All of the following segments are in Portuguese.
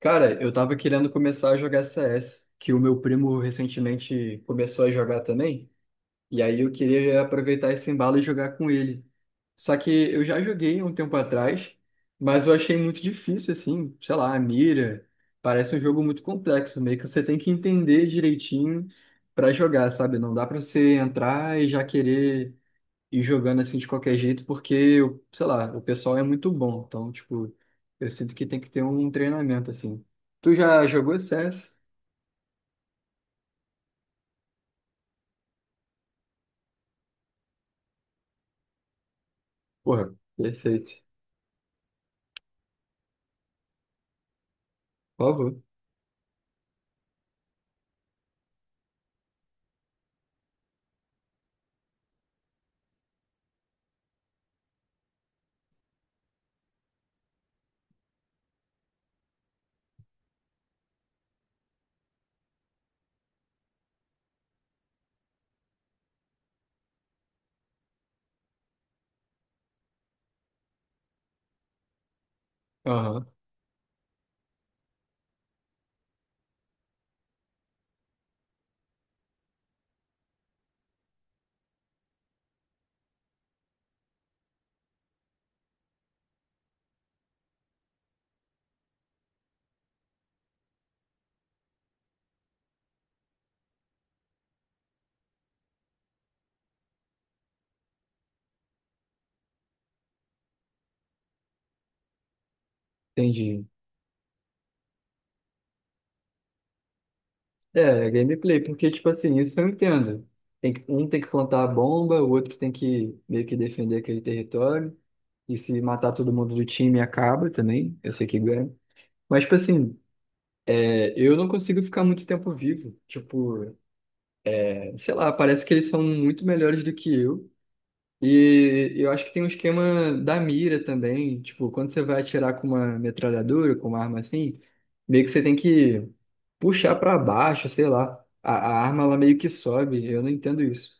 Cara, eu tava querendo começar a jogar CS, que o meu primo recentemente começou a jogar também, e aí eu queria aproveitar esse embalo e jogar com ele. Só que eu já joguei um tempo atrás, mas eu achei muito difícil, assim, sei lá, a mira. Parece um jogo muito complexo, meio que você tem que entender direitinho pra jogar, sabe? Não dá pra você entrar e já querer e jogando assim de qualquer jeito, porque, eu, sei lá, o pessoal é muito bom. Então, tipo, eu sinto que tem que ter um treinamento assim. Tu já jogou CS? Porra, perfeito. Por favor. Aham, entendi. É, é gameplay, porque, tipo assim, isso eu entendo. Tem que, um tem que plantar a bomba, o outro tem que meio que defender aquele território. E se matar todo mundo do time, acaba também. Eu sei que ganha. Mas, tipo assim, eu não consigo ficar muito tempo vivo. Tipo, sei lá, parece que eles são muito melhores do que eu. E eu acho que tem um esquema da mira também. Tipo, quando você vai atirar com uma metralhadora, com uma arma assim, meio que você tem que puxar pra baixo, sei lá. A arma ela meio que sobe. Eu não entendo isso.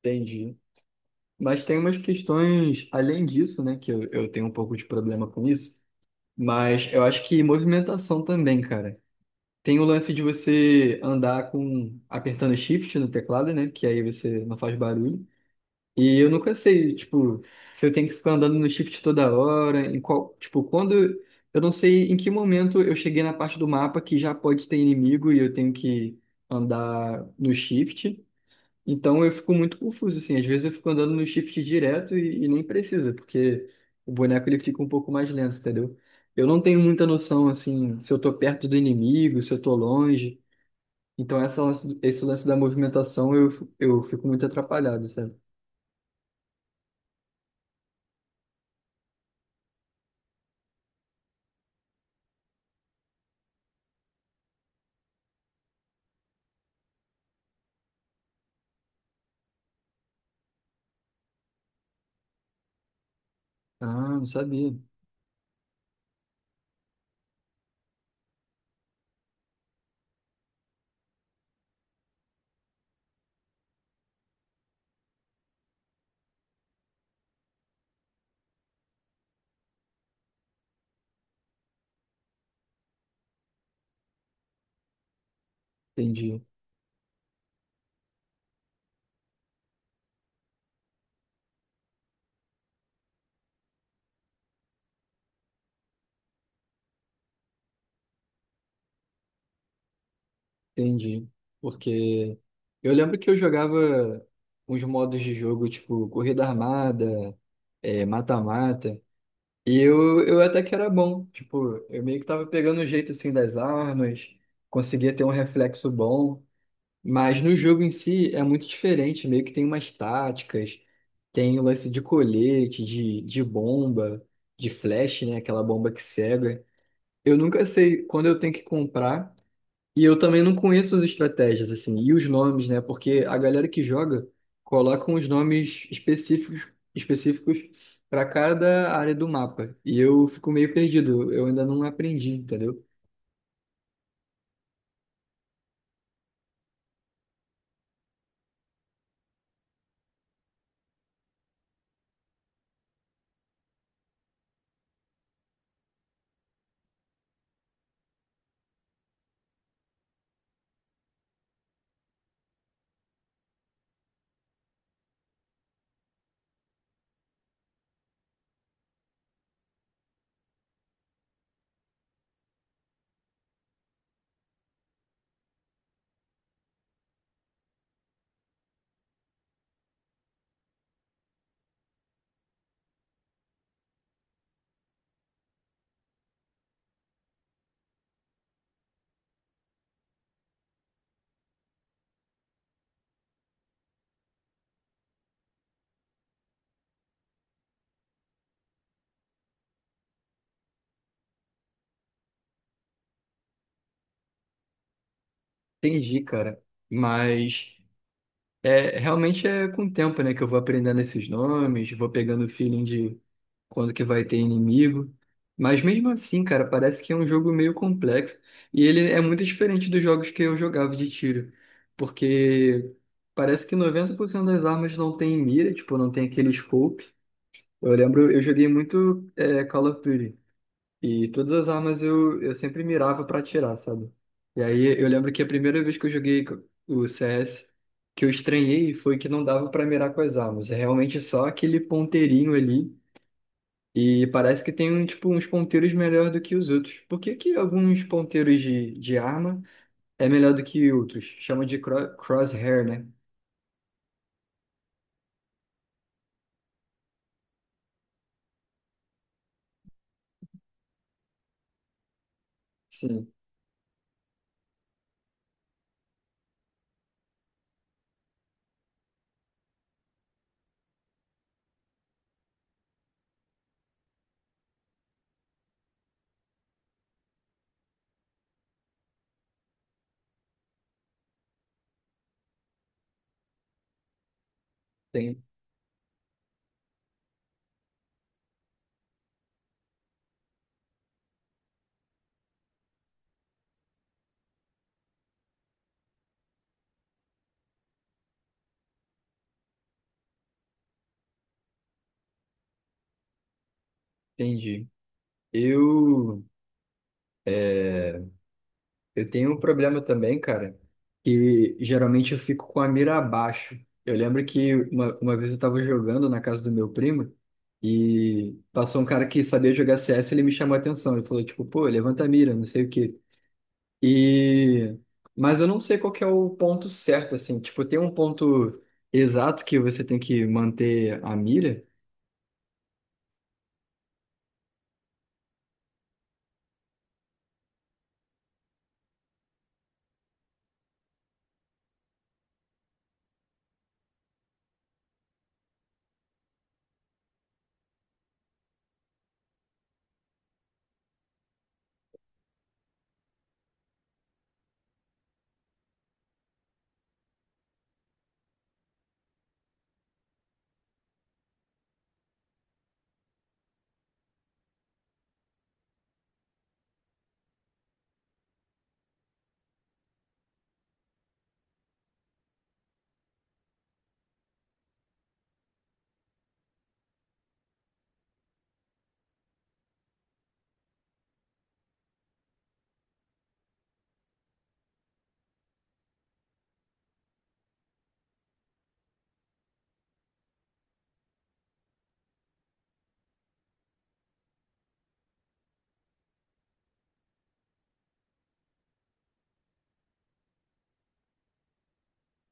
Entendi. Mas tem umas questões além disso, né? Que eu tenho um pouco de problema com isso. Mas eu acho que movimentação também, cara. Tem o lance de você andar com apertando shift no teclado, né? Que aí você não faz barulho. E eu nunca sei, tipo, se eu tenho que ficar andando no shift toda hora, em qual, tipo, quando eu não sei em que momento eu cheguei na parte do mapa que já pode ter inimigo e eu tenho que andar no shift. Então eu fico muito confuso assim, às vezes eu fico andando no shift direto e nem precisa, porque o boneco ele fica um pouco mais lento, entendeu? Eu não tenho muita noção assim, se eu tô perto do inimigo, se eu tô longe. Então esse lance da movimentação eu fico muito atrapalhado, sabe? Ah, não sabia. Entendi, entendi. Porque eu lembro que eu jogava uns modos de jogo, tipo corrida armada, mata-mata, e eu até que era bom. Tipo, eu meio que tava pegando o jeito assim das armas, conseguia ter um reflexo bom, mas no jogo em si é muito diferente, meio que tem umas táticas, tem o lance de colete, de bomba, de flash, né? Aquela bomba que cega. Eu nunca sei quando eu tenho que comprar. E eu também não conheço as estratégias, assim, e os nomes, né? Porque a galera que joga coloca uns nomes específicos para cada área do mapa. E eu fico meio perdido, eu ainda não aprendi, entendeu? Entendi, cara. Mas. É, realmente é com o tempo, né, que eu vou aprendendo esses nomes, vou pegando o feeling de quando que vai ter inimigo. Mas mesmo assim, cara, parece que é um jogo meio complexo. E ele é muito diferente dos jogos que eu jogava de tiro. Porque parece que 90% das armas não tem mira, tipo, não tem aquele scope. Eu lembro, eu joguei muito Call of Duty. E todas as armas eu sempre mirava pra atirar, sabe? E aí eu lembro que a primeira vez que eu joguei o CS, que eu estranhei foi que não dava pra mirar com as armas. É realmente só aquele ponteirinho ali. E parece que tem um, tipo, uns ponteiros melhor do que os outros. Por que que alguns ponteiros de arma é melhor do que outros? Chama de crosshair, né? Sim, tem, entendi. Eu. eh, Eu tenho um problema também, cara, que geralmente eu fico com a mira abaixo. Eu lembro que uma vez eu tava jogando na casa do meu primo e passou um cara que sabia jogar CS e ele me chamou a atenção. Ele falou, tipo, pô, levanta a mira, não sei o quê. E... Mas eu não sei qual que é o ponto certo, assim. Tipo, tem um ponto exato que você tem que manter a mira?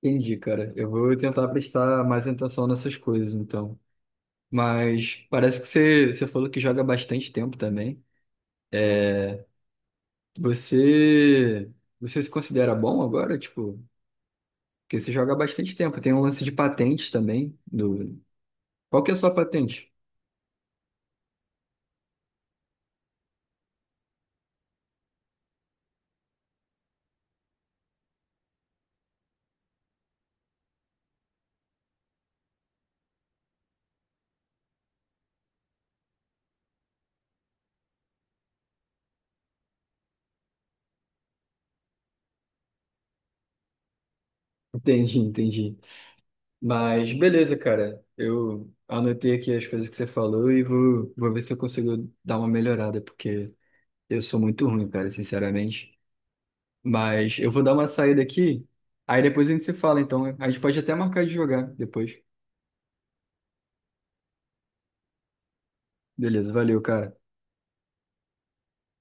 Entendi, cara. Eu vou tentar prestar mais atenção nessas coisas, então. Mas parece que você falou que joga há bastante tempo também. Você, você se considera bom agora? Tipo, porque você joga há bastante tempo. Tem um lance de patente também. Do... Qual que é a sua patente? Entendi, entendi. Mas beleza, cara. Eu anotei aqui as coisas que você falou e vou ver se eu consigo dar uma melhorada, porque eu sou muito ruim, cara, sinceramente. Mas eu vou dar uma saída aqui, aí depois a gente se fala, então. A gente pode até marcar de jogar depois. Beleza, valeu, cara.